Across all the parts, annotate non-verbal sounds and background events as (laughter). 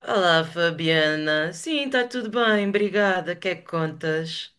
Olá, Fabiana. Sim, está tudo bem, obrigada. O que é que contas?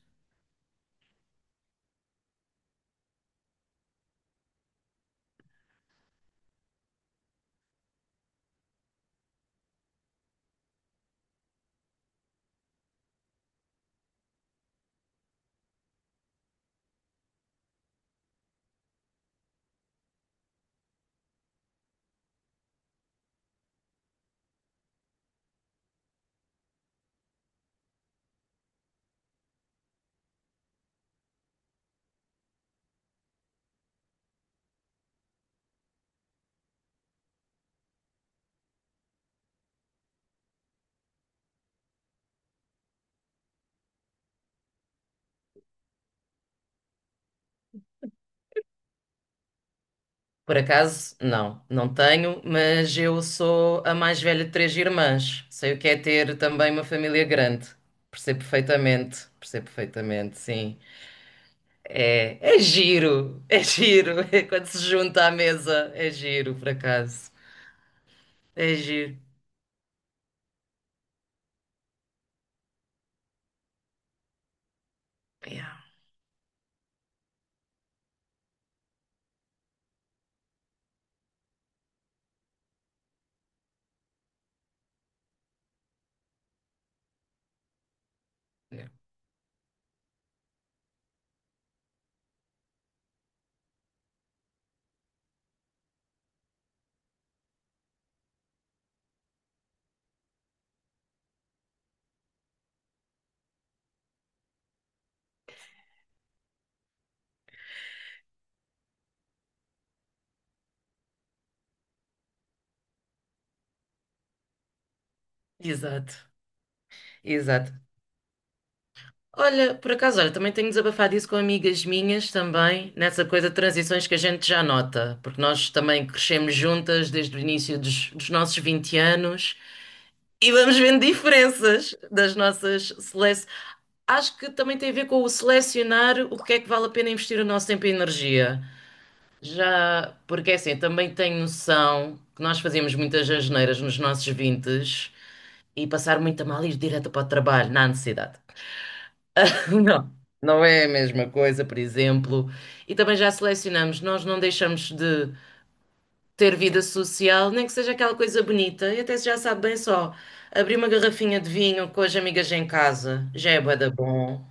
Por acaso, não, não tenho, mas eu sou a mais velha de três irmãs. Sei o que é ter também uma família grande. Percebo perfeitamente, sim. É giro, é giro. (laughs) É quando se junta à mesa, é giro, por acaso. É giro. Yeah. Yeah. Exato, exato. Olha, por acaso, olha, também tenho desabafado isso com amigas minhas também, nessa coisa de transições que a gente já nota, porque nós também crescemos juntas desde o início dos nossos 20 anos e vamos vendo diferenças das nossas seleções. Acho que também tem a ver com o selecionar o que é que vale a pena investir o nosso tempo e energia. Já, porque é assim, também tenho noção que nós fazíamos muitas asneiras nos nossos 20 e passar muito a mal e ir direto para o trabalho, na ansiedade. (laughs) Não, não é a mesma coisa, por exemplo. E também já selecionamos, nós não deixamos de ter vida social, nem que seja aquela coisa bonita. E até se já sabe bem só, abrir uma garrafinha de vinho com as amigas em casa já é bué da bom.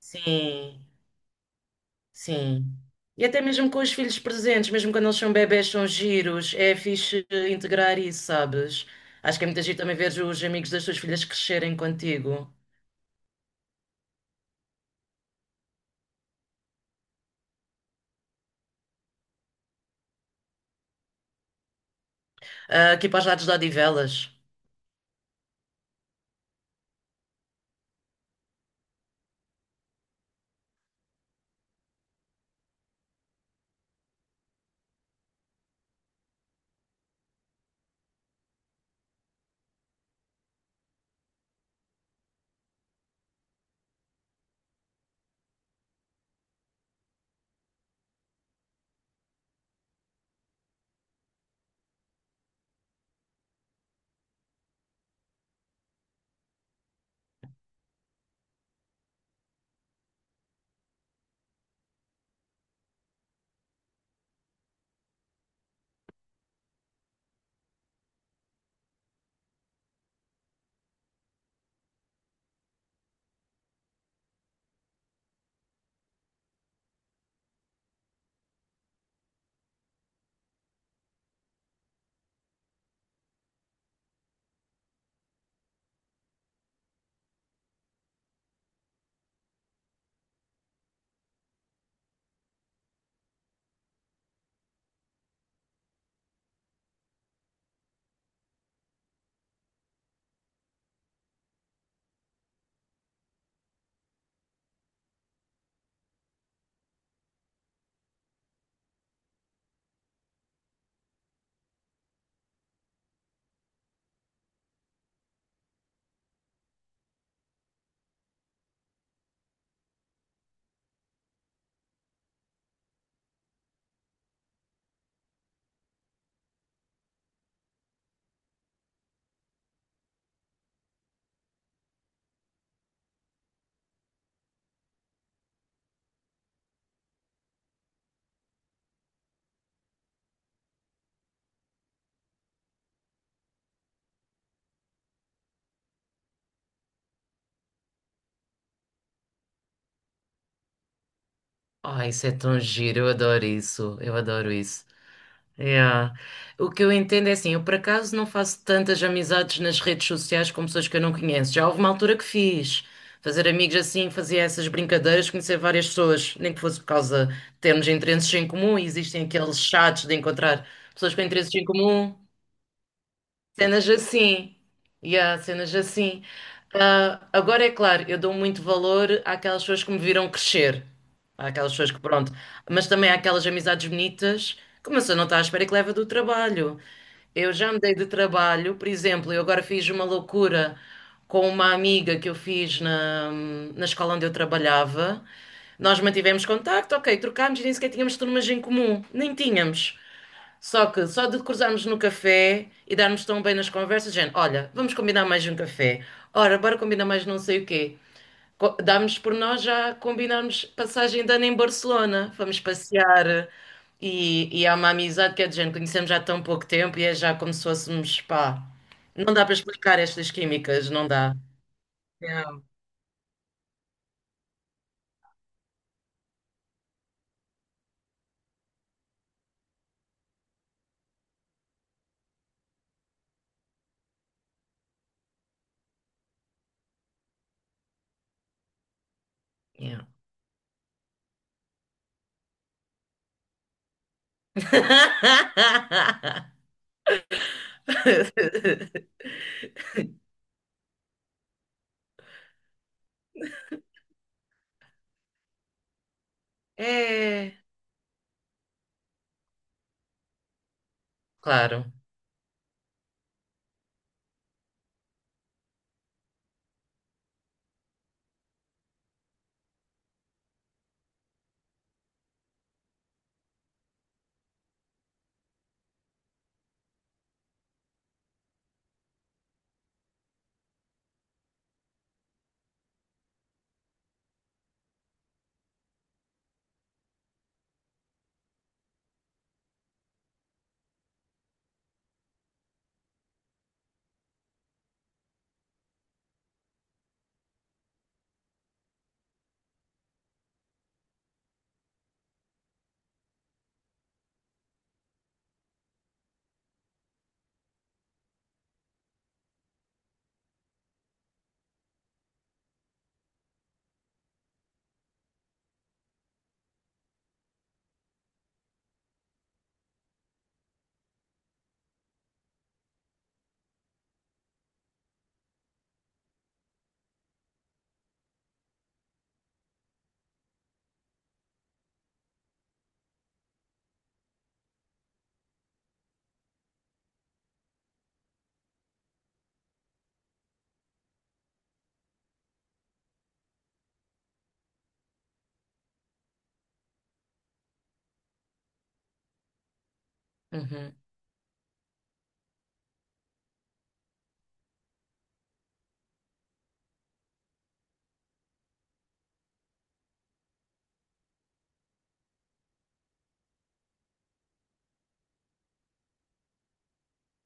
Sim, sim. E até mesmo com os filhos presentes, mesmo quando eles são bebés, são giros, é fixe integrar isso, sabes? Acho que é muito giro também ver os amigos das tuas filhas crescerem contigo. Ah, aqui para os lados de Odivelas. Ai, isso é tão giro, eu adoro isso, eu adoro isso. Yeah. O que eu entendo é assim, eu por acaso não faço tantas amizades nas redes sociais com pessoas que eu não conheço. Já houve uma altura que fiz, fazer amigos assim, fazia essas brincadeiras, conhecer várias pessoas, nem que fosse por causa de termos interesses em comum, e existem aqueles chats de encontrar pessoas com interesses em comum. Cenas assim. Yeah, cenas assim. Ah, agora é claro, eu dou muito valor àquelas pessoas que me viram crescer. Àquelas pessoas que, pronto. Mas também àquelas amizades bonitas que uma pessoa não está à espera que leva do trabalho. Eu já me dei de trabalho, por exemplo, eu agora fiz uma loucura com uma amiga que eu fiz na escola onde eu trabalhava. Nós mantivemos contacto, ok, trocámos e nem sequer tínhamos turmas em comum. Nem tínhamos. Só que só de cruzarmos no café e darmos tão bem nas conversas, gente, olha, vamos combinar mais um café. Ora, bora combinar mais não sei o quê. Damos por nós já combinarmos passagem de ano em Barcelona. Vamos passear e há uma amizade que é de gente, conhecemos já há tão pouco tempo e é já como se fôssemos, pá. Não dá para explicar estas químicas, não dá. Yeah. Yeah. (laughs) É, claro. Uhum.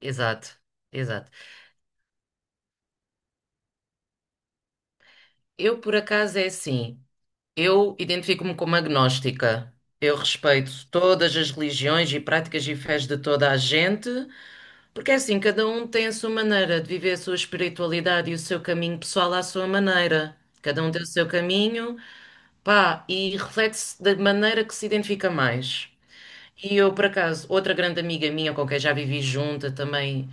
Exato, exato. Eu, por acaso, é assim. Eu identifico-me como agnóstica. Eu respeito todas as religiões e práticas e fés de toda a gente, porque é assim, cada um tem a sua maneira de viver a sua espiritualidade e o seu caminho pessoal à sua maneira. Cada um tem o seu caminho, pá, e reflete-se da maneira que se identifica mais. E eu, por acaso, outra grande amiga minha com quem já vivi junta também,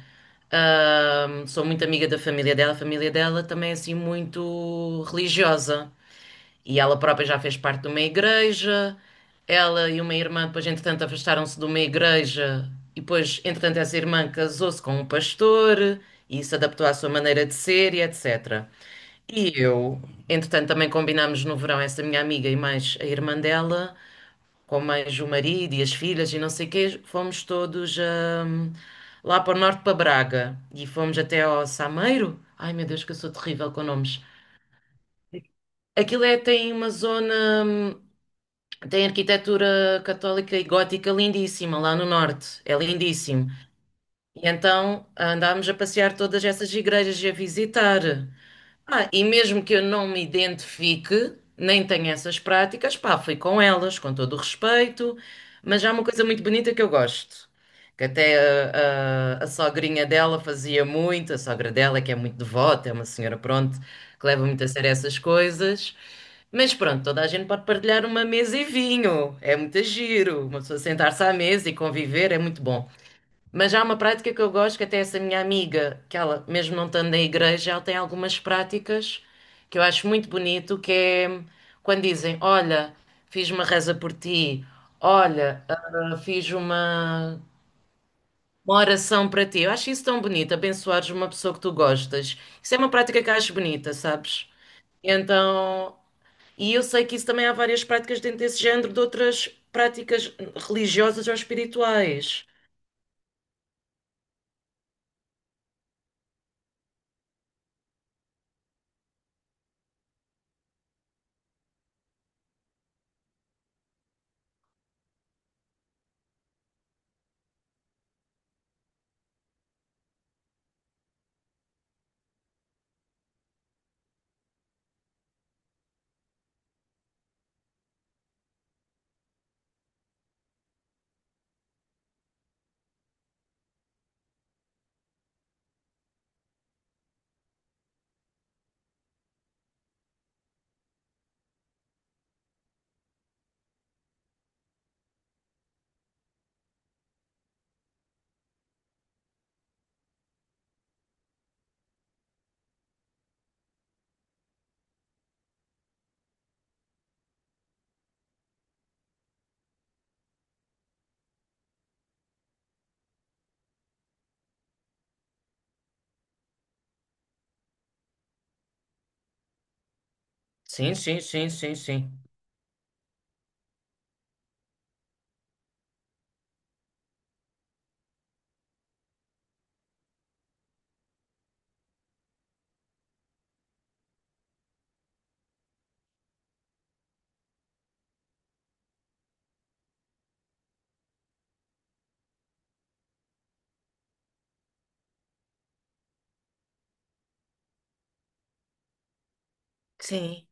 sou muito amiga da família dela, a família dela também é assim muito religiosa. E ela própria já fez parte de uma igreja. Ela e uma irmã, depois, entretanto, afastaram-se de uma igreja. E depois, entretanto, essa irmã casou-se com um pastor e se adaptou à sua maneira de ser e etc. E eu, entretanto, também combinámos no verão, essa minha amiga e mais a irmã dela, com mais o marido e as filhas e não sei o quê, fomos todos lá para o norte, para Braga. E fomos até ao Sameiro. Ai meu Deus, que eu sou terrível com nomes. Aquilo é, tem uma zona. Tem arquitetura católica e gótica lindíssima lá no norte. É lindíssimo. E então andámos a passear todas essas igrejas e a visitar. Ah, e mesmo que eu não me identifique, nem tenha essas práticas, pá, fui com elas, com todo o respeito, mas há uma coisa muito bonita que eu gosto, que até a sogrinha dela fazia muito, a sogra dela, que é muito devota, é uma senhora, pronto, que leva muito a sério essas coisas. Mas pronto, toda a gente pode partilhar uma mesa e vinho, é muito giro, uma pessoa sentar-se à mesa e conviver é muito bom. Mas há uma prática que eu gosto, que até essa minha amiga, que ela, mesmo não estando na igreja, ela tem algumas práticas que eu acho muito bonito, que é quando dizem, olha, fiz uma reza por ti, olha, fiz uma oração para ti. Eu acho isso tão bonito, abençoares uma pessoa que tu gostas. Isso é uma prática que eu acho bonita, sabes? Então, e eu sei que isso também há várias práticas dentro desse género, de outras práticas religiosas ou espirituais. Sim, sim, sim, sim, sim. Sim,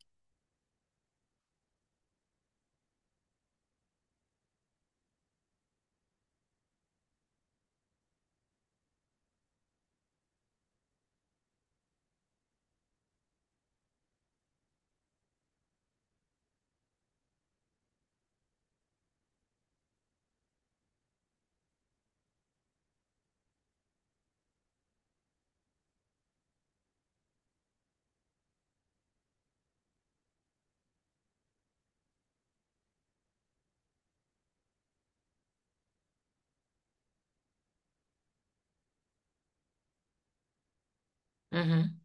uhum,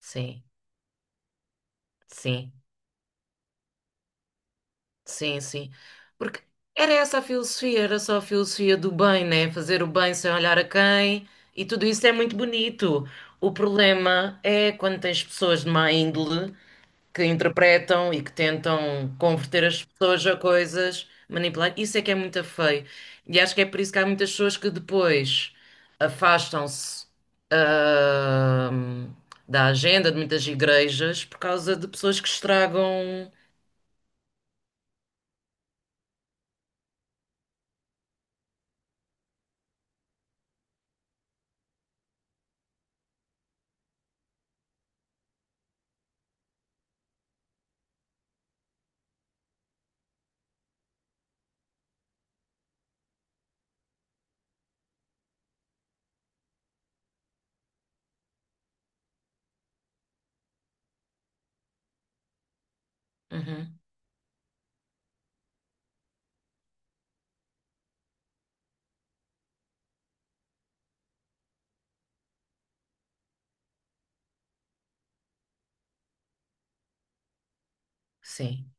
sim, sim, sim, sim. Porque era essa a filosofia, era só a filosofia do bem, né? Fazer o bem sem olhar a quem, e tudo isso é muito bonito. O problema é quando tens pessoas de má índole que interpretam e que tentam converter as pessoas a coisas, manipular. Isso é que é muito feio. E acho que é por isso que há muitas pessoas que depois afastam-se, ahm, da agenda de muitas igrejas por causa de pessoas que estragam. Uhum, sim.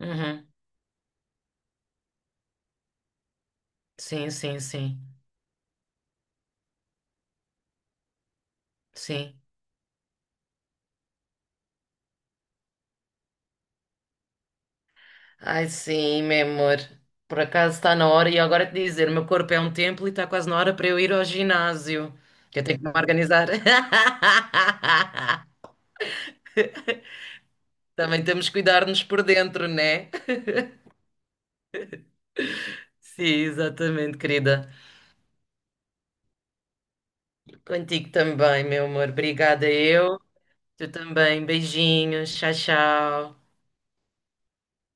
Uhum, sim, sim, sim. Sim. Ai, sim, meu amor. Por acaso está na hora, e agora te dizer, o meu corpo é um templo e está quase na hora para eu ir ao ginásio. Que eu tenho que me organizar. (laughs) Também temos que cuidar-nos por dentro, né? Sim, exatamente, querida. Contigo também, meu amor. Obrigada eu. Tu também. Beijinhos. Tchau, tchau.